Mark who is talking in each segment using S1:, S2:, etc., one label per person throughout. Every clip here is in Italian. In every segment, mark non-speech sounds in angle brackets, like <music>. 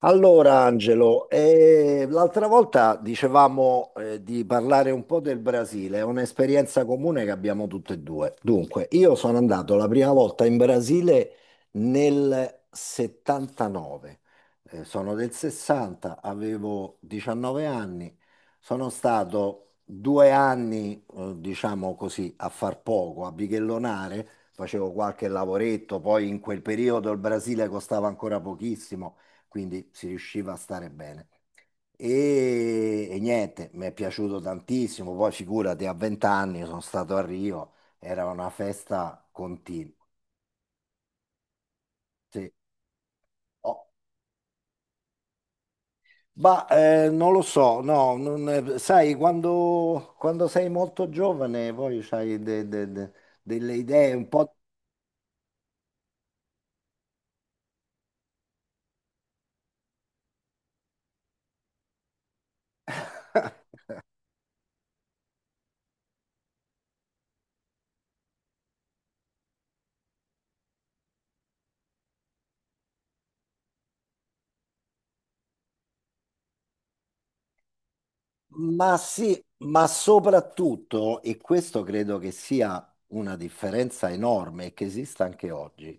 S1: Allora, Angelo, l'altra volta dicevamo, di parlare un po' del Brasile, è un'esperienza comune che abbiamo tutte e due. Dunque, io sono andato la prima volta in Brasile nel 79, sono del 60, avevo 19 anni, sono stato 2 anni, diciamo così, a far poco, a bighellonare, facevo qualche lavoretto, poi in quel periodo il Brasile costava ancora pochissimo, quindi si riusciva a stare bene. E niente, mi è piaciuto tantissimo. Poi figurati, a 20 anni sono stato a Rio, era una festa continua. Sì. Oh. Ma non lo so, no, sai, quando sei molto giovane poi hai delle idee un po'. Ma sì, ma soprattutto, e questo credo che sia una differenza enorme e che esista anche oggi,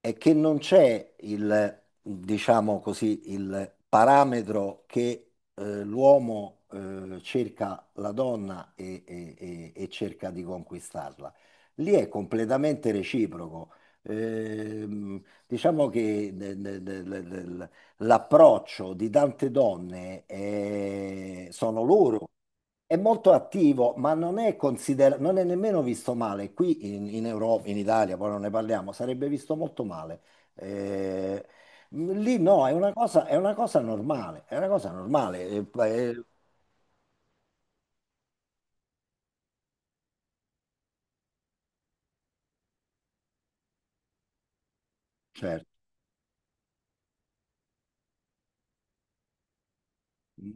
S1: è che non c'è il, diciamo così, il parametro che l'uomo cerca la donna e cerca di conquistarla. Lì è completamente reciproco. Diciamo che l'approccio di tante donne sono loro è molto attivo, ma non è considerato, non è nemmeno visto male. Qui in Europa, in Italia, poi non ne parliamo, sarebbe visto molto male. Eh, lì no, è una cosa normale, è una cosa normale. Certo.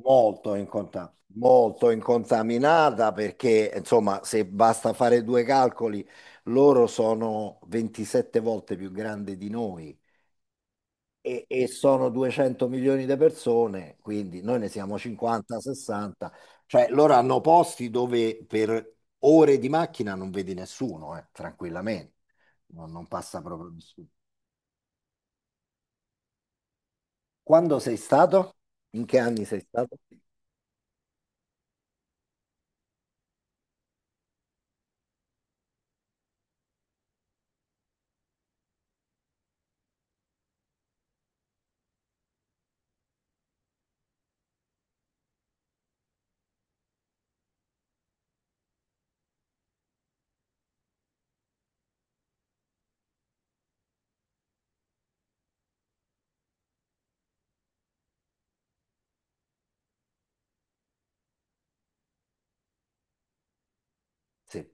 S1: Molto incontaminata perché, insomma, se basta fare due calcoli, loro sono 27 volte più grandi di noi. E sono 200 milioni di persone, quindi noi ne siamo 50, 60, cioè loro hanno posti dove per ore di macchina non vedi nessuno, tranquillamente, non passa proprio nessuno. Quando sei stato? In che anni sei stato? Sì.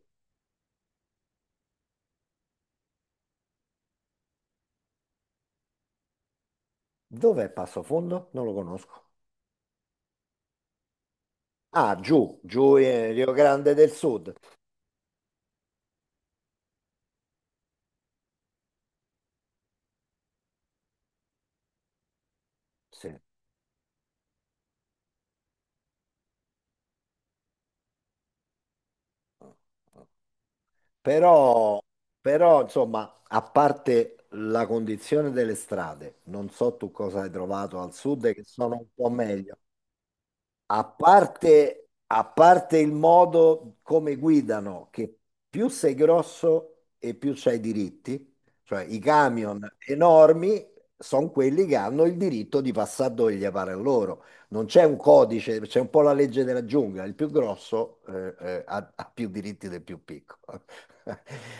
S1: Dov'è Passo Fondo? Non lo conosco. Ah, giù, giù in Rio Grande del Sud. Sì. Però, però, insomma, a parte la condizione delle strade, non so tu cosa hai trovato al sud che sono un po' meglio, a parte il modo come guidano, che più sei grosso e più c'hai diritti, cioè i camion enormi sono quelli che hanno il diritto di passare dove gli pare a loro. Non c'è un codice, c'è un po' la legge della giungla, il più grosso ha più diritti del più piccolo. <laughs>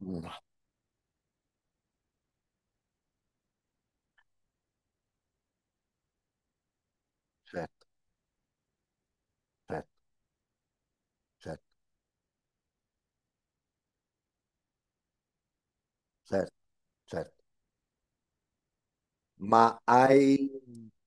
S1: No, certo, certo, certo, certo, certo. Ma hai,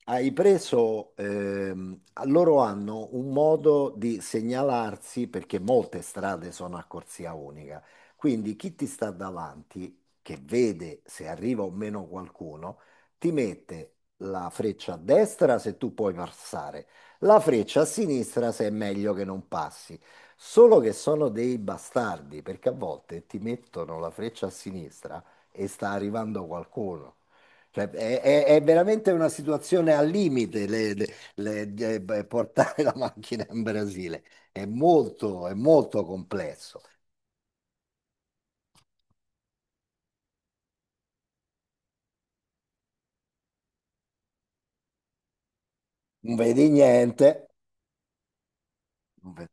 S1: hai preso, ehm, loro hanno un modo di segnalarsi perché molte strade sono a corsia unica. Quindi chi ti sta davanti, che vede se arriva o meno qualcuno, ti mette la freccia a destra se tu puoi passare, la freccia a sinistra se è meglio che non passi. Solo che sono dei bastardi, perché a volte ti mettono la freccia a sinistra e sta arrivando qualcuno. Cioè, è veramente una situazione al limite beh, portare <laughs> la macchina in Brasile. È molto complesso. Non vedi niente. Non ve-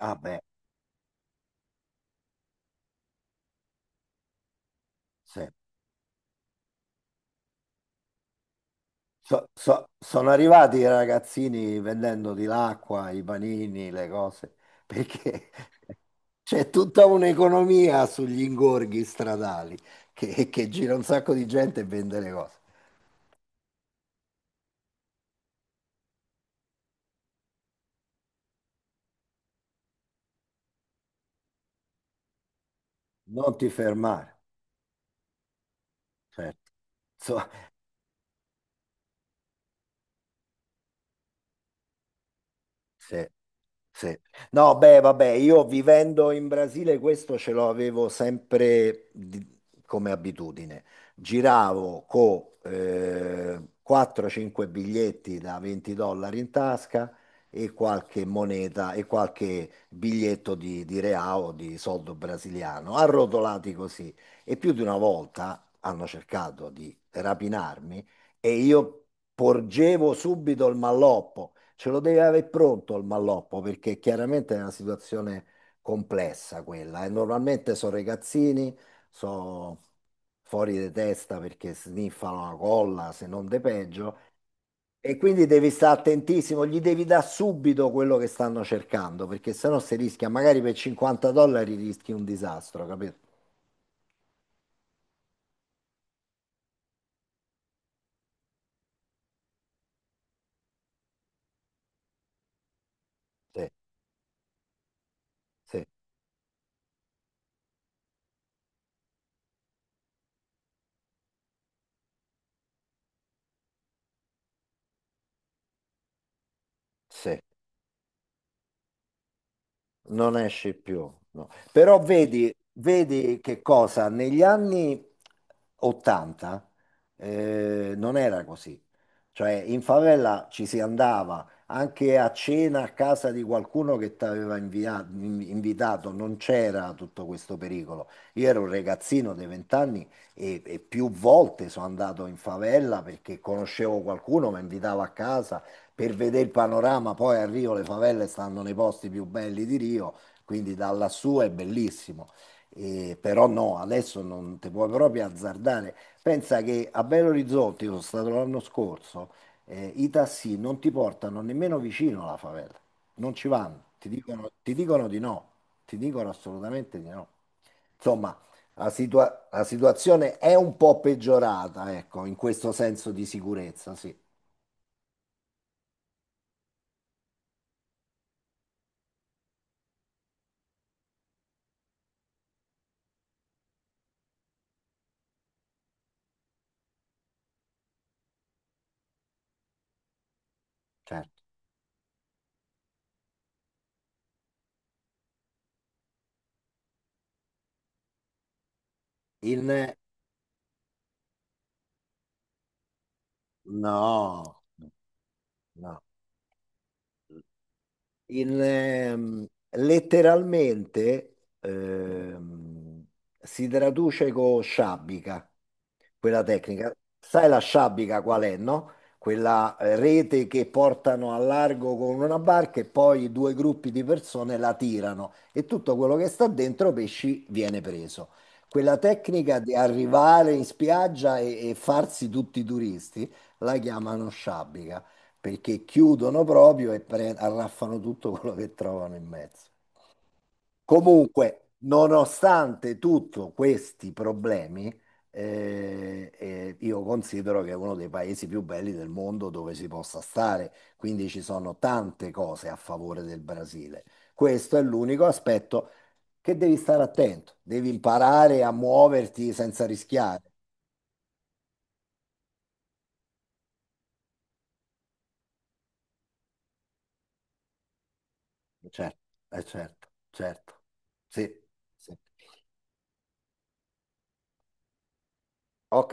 S1: Ah beh, sì. Sono arrivati i ragazzini vendendoti l'acqua, i panini, le cose, perché <laughs> c'è tutta un'economia sugli ingorghi stradali che gira un sacco di gente e vende le cose. Non ti fermare, certo. So- Sì, sì. No, beh, vabbè, io vivendo in Brasile questo ce l'avevo sempre come abitudine. Giravo con 4-5 biglietti da 20 dollari in tasca e qualche moneta e qualche biglietto di real, di soldo brasiliano, arrotolati così. E più di una volta hanno cercato di rapinarmi e io porgevo subito il malloppo. Ce lo devi avere pronto il malloppo, perché chiaramente è una situazione complessa quella, e normalmente sono ragazzini, sono fuori di testa perché sniffano la colla, se non de peggio. E quindi devi stare attentissimo, gli devi dare subito quello che stanno cercando, perché sennò si rischia, magari per 50 dollari rischi un disastro, capito? Sì, sì, sì. Non esci più, no. Però vedi che cosa? Negli anni 80 non era così. Cioè in favela ci si andava anche a cena a casa di qualcuno che ti aveva invitato, non c'era tutto questo pericolo. Io ero un ragazzino dei 20 anni e più volte sono andato in favela perché conoscevo qualcuno, mi invitava a casa per vedere il panorama, poi a Rio le favelle stanno nei posti più belli di Rio, quindi da lassù è bellissimo. E però no, adesso non ti puoi proprio azzardare. Pensa che a Belo Horizonte, io sono stato l'anno scorso, i tassi non ti portano nemmeno vicino alla favela, non ci vanno, ti dicono, di no, ti dicono assolutamente di no. Insomma, la situazione è un po' peggiorata, ecco, in questo senso di sicurezza, sì, certo. In, No, no. Il, ehm, letteralmente si traduce con sciabica, quella tecnica. Sai la sciabica qual è, no? Quella rete che portano a largo con una barca e poi due gruppi di persone la tirano e tutto quello che sta dentro pesci viene preso. Quella tecnica di arrivare in spiaggia e farsi tutti i turisti la chiamano sciabica perché chiudono proprio e arraffano tutto quello che trovano in mezzo. Comunque, nonostante tutti questi problemi, io considero che è uno dei paesi più belli del mondo dove si possa stare, quindi ci sono tante cose a favore del Brasile. Questo è l'unico aspetto che devi stare attento, devi imparare a muoverti senza rischiare. Certo, certo, certo. Sì, sì. Ok.